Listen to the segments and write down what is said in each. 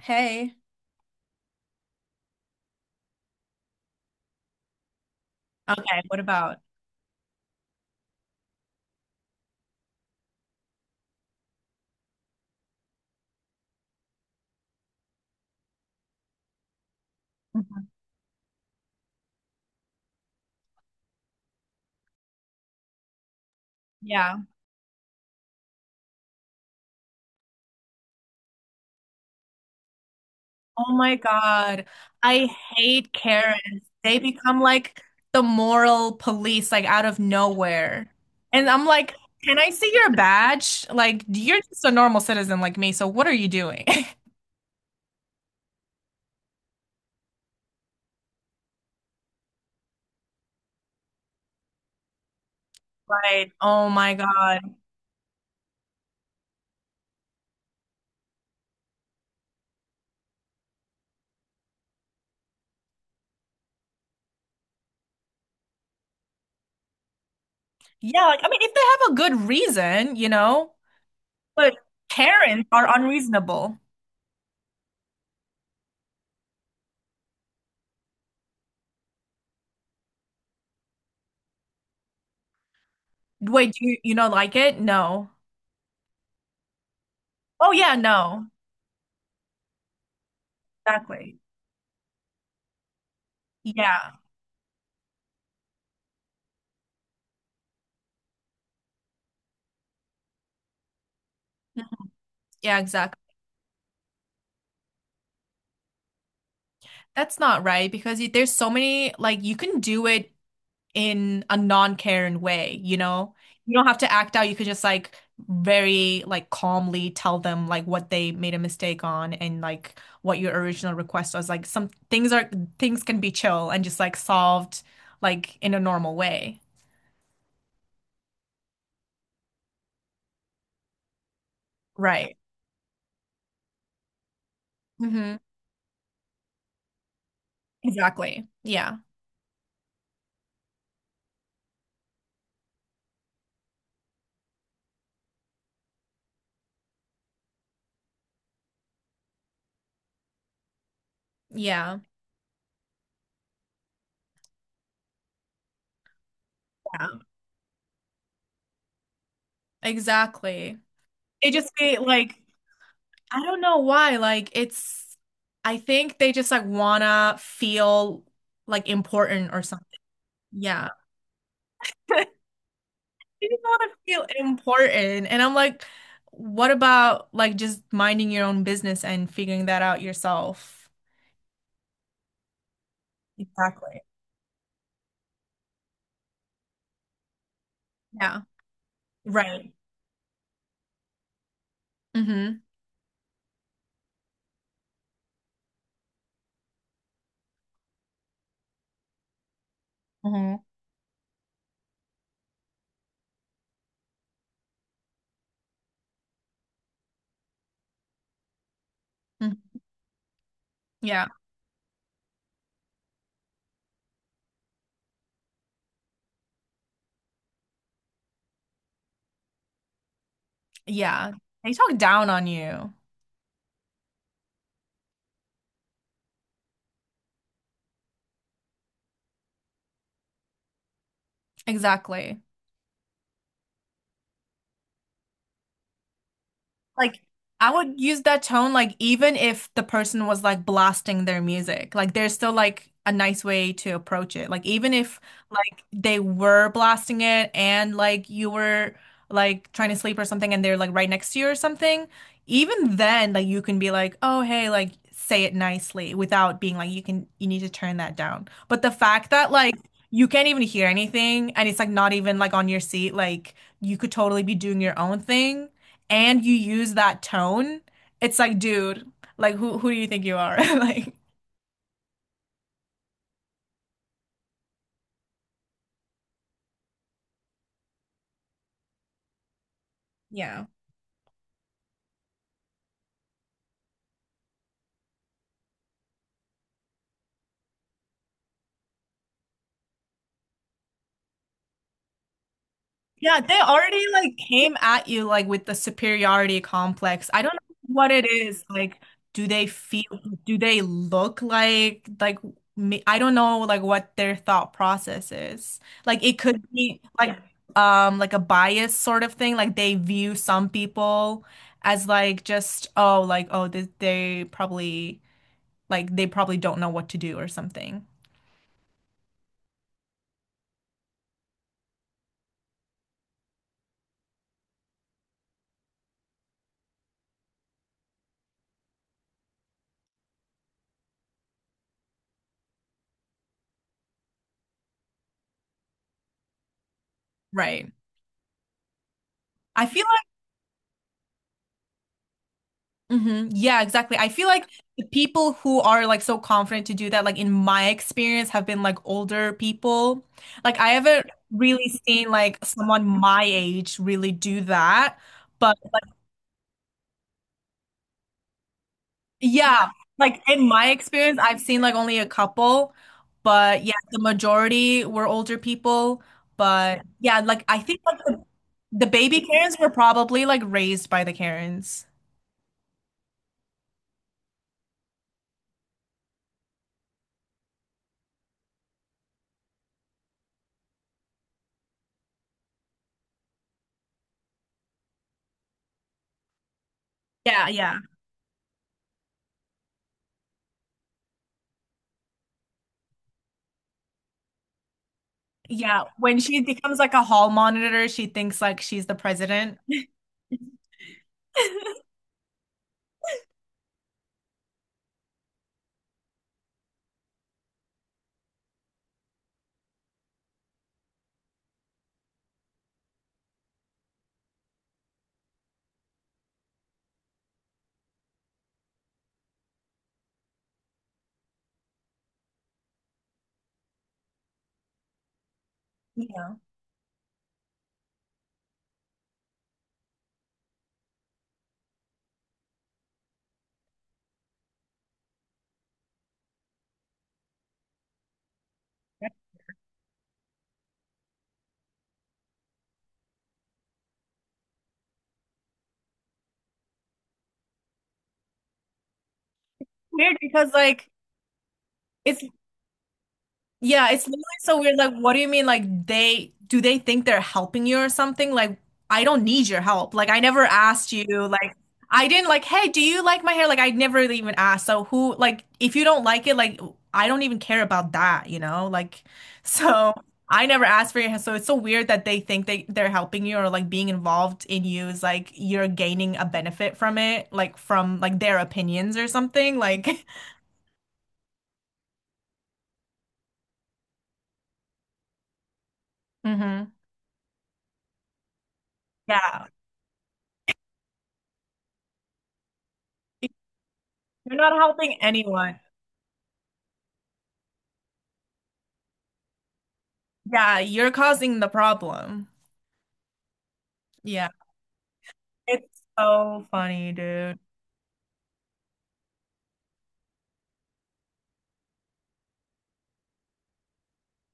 Hey. Okay. Yeah. Oh my God. I hate Karens. They become like the moral police, like out of nowhere. And I'm like, can I see your badge? Like, you're just a normal citizen like me, so what are you doing? Right. Oh my God. Yeah, like I mean, if they have a good reason, but Karens are unreasonable. Wait, do you know like it? No. Oh yeah, no. Exactly. Yeah. Mm-hmm. Yeah, exactly. That's not right because there's so many, like, you can do it in a non-Karen way, you know? You don't have to act out. You could just, like, very, like, calmly tell them, like, what they made a mistake on and, like, what your original request was. Like, things can be chill and just, like, solved, like, in a normal way. Right. Mm-hmm. Exactly. Yeah. Yeah. Yeah. Exactly. It just be like, I don't know why. Like it's I think they just like wanna feel like important or something. Yeah. They just wanna feel important. And I'm like, what about like just minding your own business and figuring that out yourself? Exactly. Yeah. Right. Mm-hmm. Mm-hmm. Yeah. Yeah. They talk down on you. Exactly. Like I would use that tone like even if the person was like blasting their music. Like there's still like a nice way to approach it. Like even if like they were blasting it and like you were like trying to sleep or something and they're like right next to you or something, even then like you can be like, "Oh, hey, like say it nicely," without being like you can you need to turn that down. But the fact that like you can't even hear anything and it's like not even like on your seat, like you could totally be doing your own thing and you use that tone, it's like, dude, like who do you think you are? Like, yeah. Yeah, they already like came at you like with the superiority complex. I don't know what it is. Like, do they feel, do they look like me? I don't know like what their thought process is. Like it could be like a bias sort of thing. Like they view some people as like just oh like they probably like they probably don't know what to do or something. Right. I feel like, hmm yeah, exactly. I feel like the people who are like so confident to do that, like in my experience, have been like older people. Like I haven't really seen like someone my age really do that. Yeah, like in my experience, I've seen like only a couple, but yeah, the majority were older people. But yeah, like I think the baby Karens were probably like raised by the Karens. Yeah, yeah, yeah. When she becomes like a hall monitor, she thinks like she's the president. Weird because like it's yeah, it's literally so weird. Like, what do you mean? Like, they think they're helping you or something? Like, I don't need your help. Like, I never asked you. Like, I didn't like, hey, do you like my hair? Like, I never even asked. So, who, like, if you don't like it, like, I don't even care about that, you know? Like, so I never asked for your hair. So, it's so weird that they're helping you or like being involved in you is like you're gaining a benefit from it, like, from like their opinions or something. Like, hmm yeah, you're not helping anyone. Yeah, you're causing the problem. Yeah. It's so funny, dude.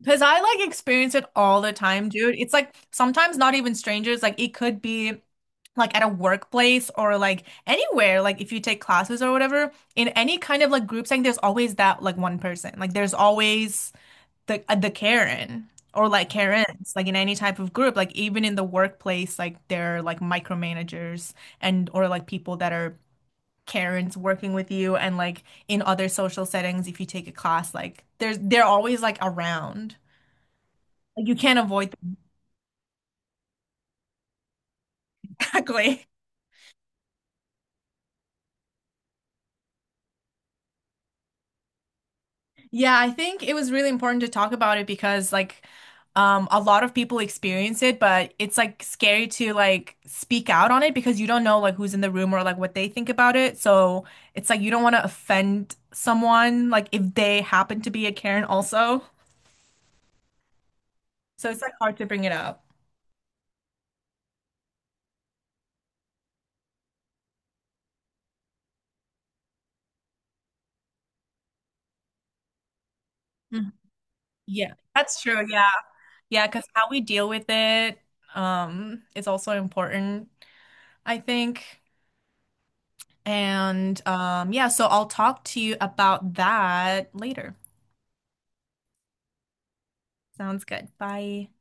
Because I like experience it all the time, dude. It's like sometimes not even strangers, like it could be like at a workplace or like anywhere, like if you take classes or whatever, in any kind of like group setting, there's always that like one person. Like there's always the Karen or like Karens, like in any type of group, like even in the workplace, like they're like micromanagers and or like people that are Karens working with you and like in other social settings if you take a class like there's they're always like around like you can't avoid them. Exactly, yeah, I think it was really important to talk about it because like a lot of people experience it, but it's like scary to like speak out on it because you don't know like who's in the room or like what they think about it, so it's like you don't want to offend someone like if they happen to be a Karen also, so it's like hard to bring it up. Mhm. Yeah, that's true, yeah. Yeah, because how we deal with it, is also important, I think. And yeah, so I'll talk to you about that later. Sounds good. Bye.